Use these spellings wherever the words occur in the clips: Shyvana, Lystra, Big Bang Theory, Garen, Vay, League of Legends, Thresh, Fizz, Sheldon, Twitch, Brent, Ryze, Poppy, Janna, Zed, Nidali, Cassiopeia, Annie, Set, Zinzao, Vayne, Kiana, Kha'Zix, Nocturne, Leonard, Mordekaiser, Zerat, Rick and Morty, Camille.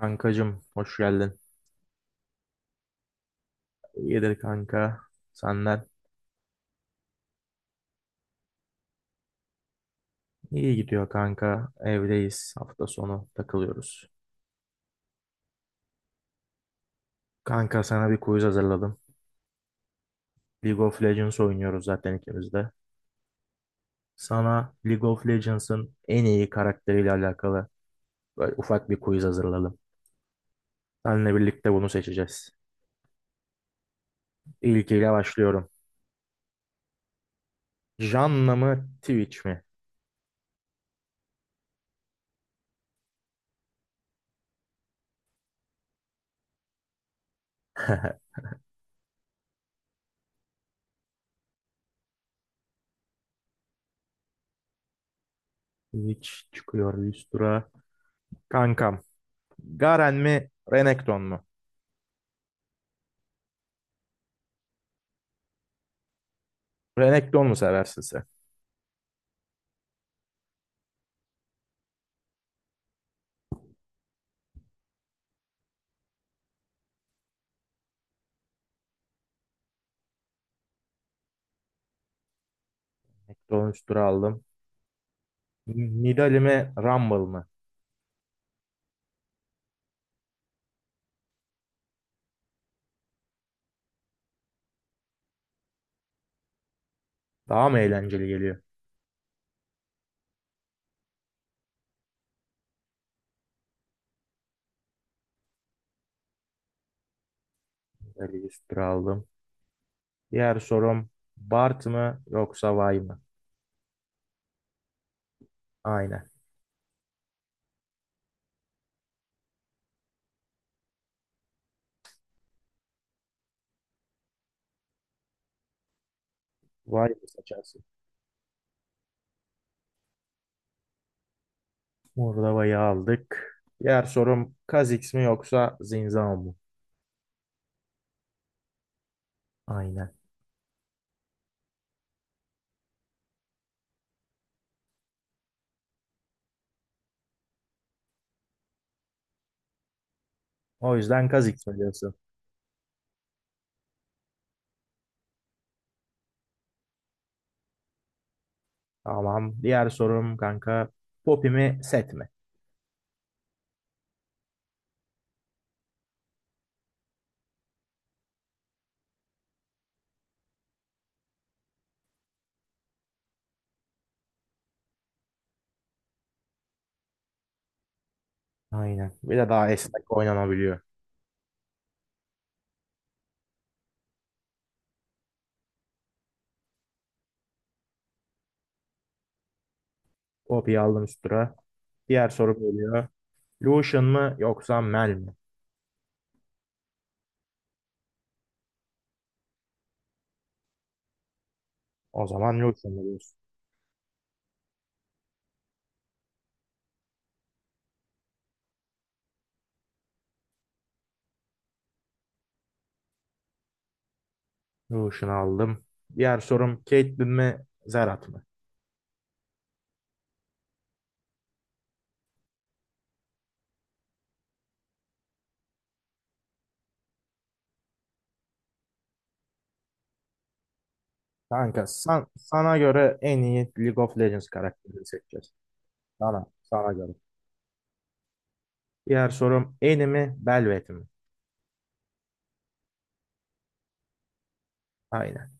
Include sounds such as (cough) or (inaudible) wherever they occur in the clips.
Kankacım, hoş geldin. İyidir kanka. Senden iyi gidiyor kanka. Evdeyiz. Hafta sonu takılıyoruz. Kanka, sana bir quiz hazırladım. League of Legends oynuyoruz zaten ikimiz de. Sana League of Legends'ın en iyi karakteriyle alakalı böyle ufak bir quiz hazırladım. Seninle birlikte bunu seçeceğiz. İlkiyle başlıyorum. Janna mı Twitch mi? (laughs) Twitch çıkıyor Lystra. Kankam, Garen mi Renekton mu? Renekton mu seversin sen? Ekron üstüre aldım. Nidali mi Rumble mı? Daha mı eğlenceli geliyor? Nidali üstüre aldım. Diğer sorum, Bart mı yoksa Vay mı? Aynen. Vay mı seçersin? Burada Vay'ı aldık. Diğer sorum, Kha'Zix mi yoksa Zinzao mu? Aynen. O yüzden Kha'Zix mi diyorsun? Tamam. Diğer sorum kanka, Poppy mi Set mi? Aynen. Bir de daha esnek oynanabiliyor. Poppy'yi aldım üst tura. Diğer sorum geliyor. Lucian mı yoksa Mel mi? O zaman Lucian mı? Lotion'u aldım. Diğer sorum, Caitlyn mi Zerat mı? Kanka, sana göre en iyi League of Legends karakterini seçeceğiz. Sana, sana göre. Diğer sorum, Annie mi Belvet mi? Aynen.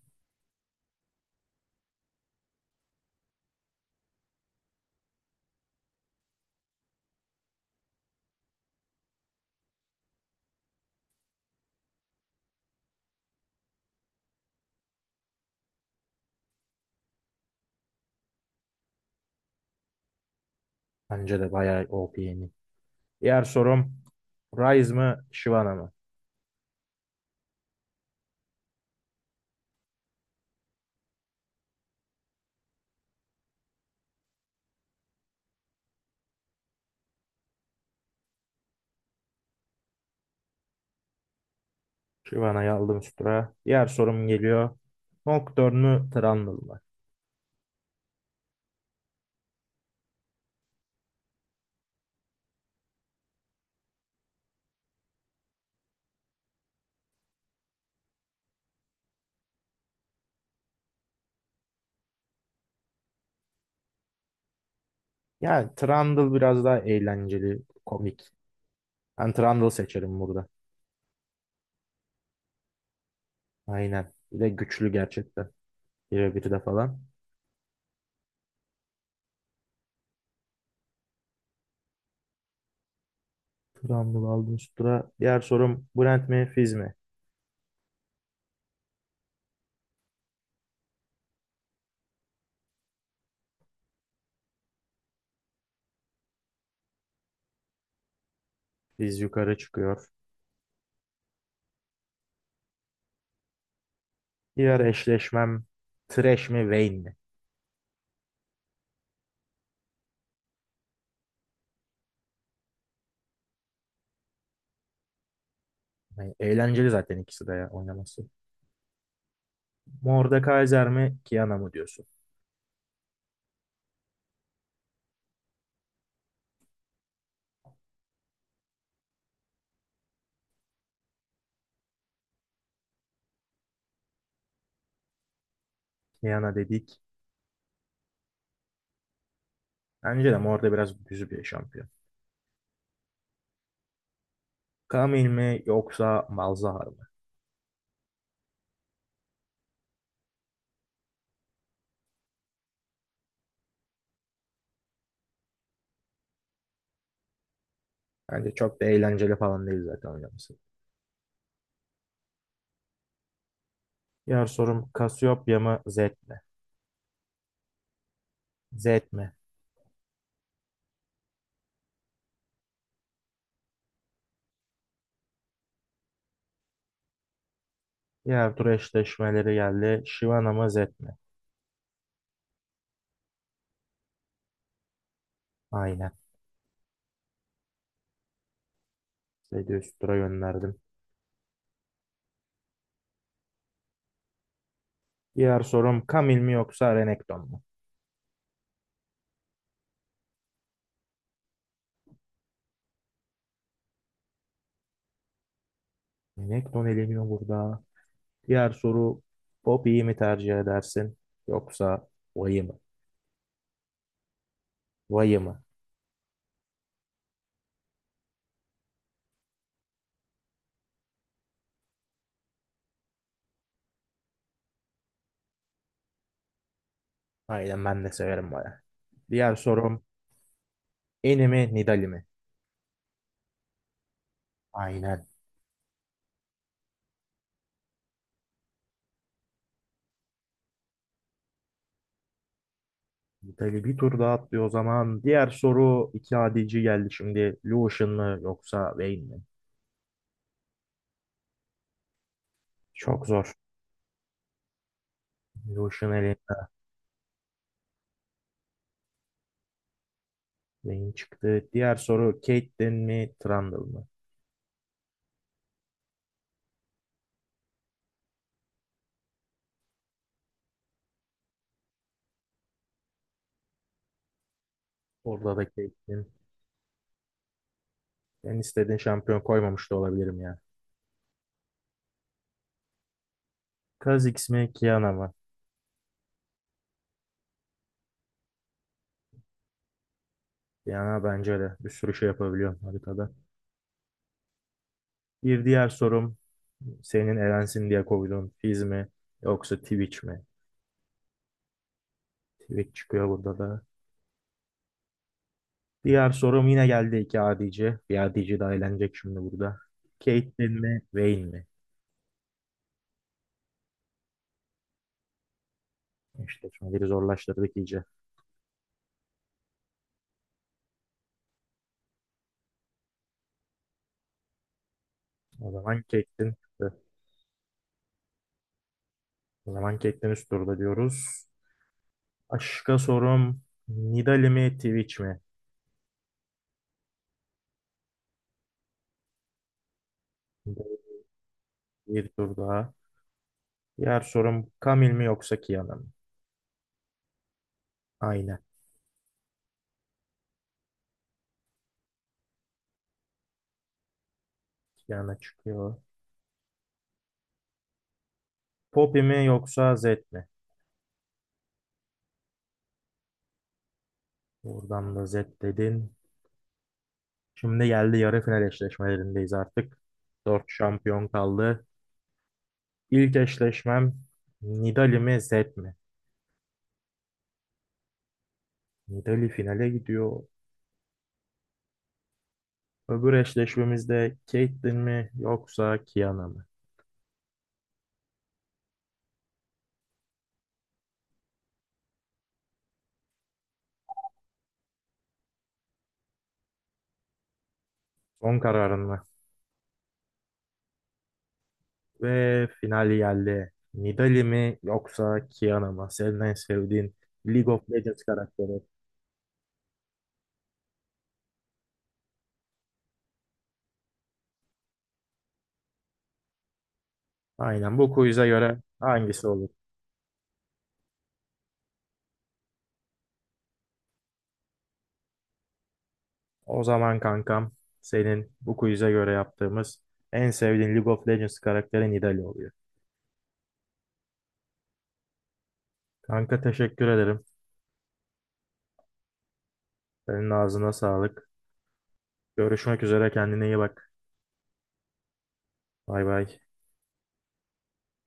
Bence de bayağı OP Annie. Diğer sorum, Ryze mı Shyvana mı? Shyvana'yı aldım üst tura. Diğer sorum geliyor. Nocturne mü Trundle mı? Yani Trundle biraz daha eğlenceli, komik. Ben Trundle seçerim burada. Aynen. Bir de güçlü gerçekten. Bire bir de falan. Turan Baldestura. Diğer sorum, Brent mi Fizz mi? Fizz yukarı çıkıyor. Diğer eşleşmem, Thresh mi Vayne mi? Yani eğlenceli zaten ikisi de ya oynaması. Mordekaiser mi Kiana mı diyorsun? Kiana dedik. Bence de Morde biraz düzü bir şampiyon. Camille mi yoksa Malzahar mı? Bence çok da eğlenceli falan değil zaten oynaması. Diğer sorum, Cassiopeia mı Zed mi? Zed mi? Diğer tur eşleşmeleri geldi. Shyvana mı Zed mi? Aynen. Zed'i üst tura gönderdim. Diğer sorum, kamil mi yoksa Renekton mu? Renekton eleniyor burada. Diğer soru, Poppy'yi mi tercih edersin yoksa Vay'ı mı? Vay'ı mı? Aynen, ben de severim Vay'ı. Diğer sorum, Eni mi Nidalee mi? Aynen. Nidalee bir tur daha atlıyor o zaman. Diğer soru, iki adici geldi şimdi. Lucian mı yoksa Vayne mi? Çok zor. Lucian elinde. Vayne çıktı. Diğer soru, Caitlyn mi Trundle mı? Orada da Caitlyn. Ben istediğin şampiyon koymamış da olabilirim ya. Kaz X mi Kiana mı? Kiana bence de bir sürü şey yapabiliyor haritada. Bir diğer sorum, senin Erensin diye koyduğun Fizz mi yoksa Twitch mi? Twitch çıkıyor burada da. Diğer sorum yine geldi, iki adici. Bir adici daha eğlenecek şimdi burada. Caitlyn mi Vayne mi? İşte şimdi biri zorlaştırdık iyice. O zaman Caitlyn çıktı. O zaman Caitlyn üst turda diyoruz. Başka sorum, Nidalee mi Twitch mi? Bir tur daha. Diğer sorum, Camille mi yoksa Kiana mı? Aynen. Yana çıkıyor. Poppy mi yoksa Zed mi? Buradan da Zed dedin. Şimdi geldi, yarı final eşleşmelerindeyiz artık. Dört şampiyon kaldı. İlk eşleşmem, Nidali mi Zed mi? Nidali finale gidiyor. Öbür eşleşmemizde Caitlyn mi yoksa Kiana mı? Son kararın mı? Ve final geldi. Nidali mi yoksa Kiana mı? Senin en sevdiğin League of Legends karakteri. Aynen, bu quiz'e göre hangisi olur? O zaman kankam, senin bu quiz'e göre yaptığımız en sevdiğin League of Legends karakterin Nidalee oluyor. Kanka, teşekkür ederim. Senin ağzına sağlık. Görüşmek üzere, kendine iyi bak. Bay bay.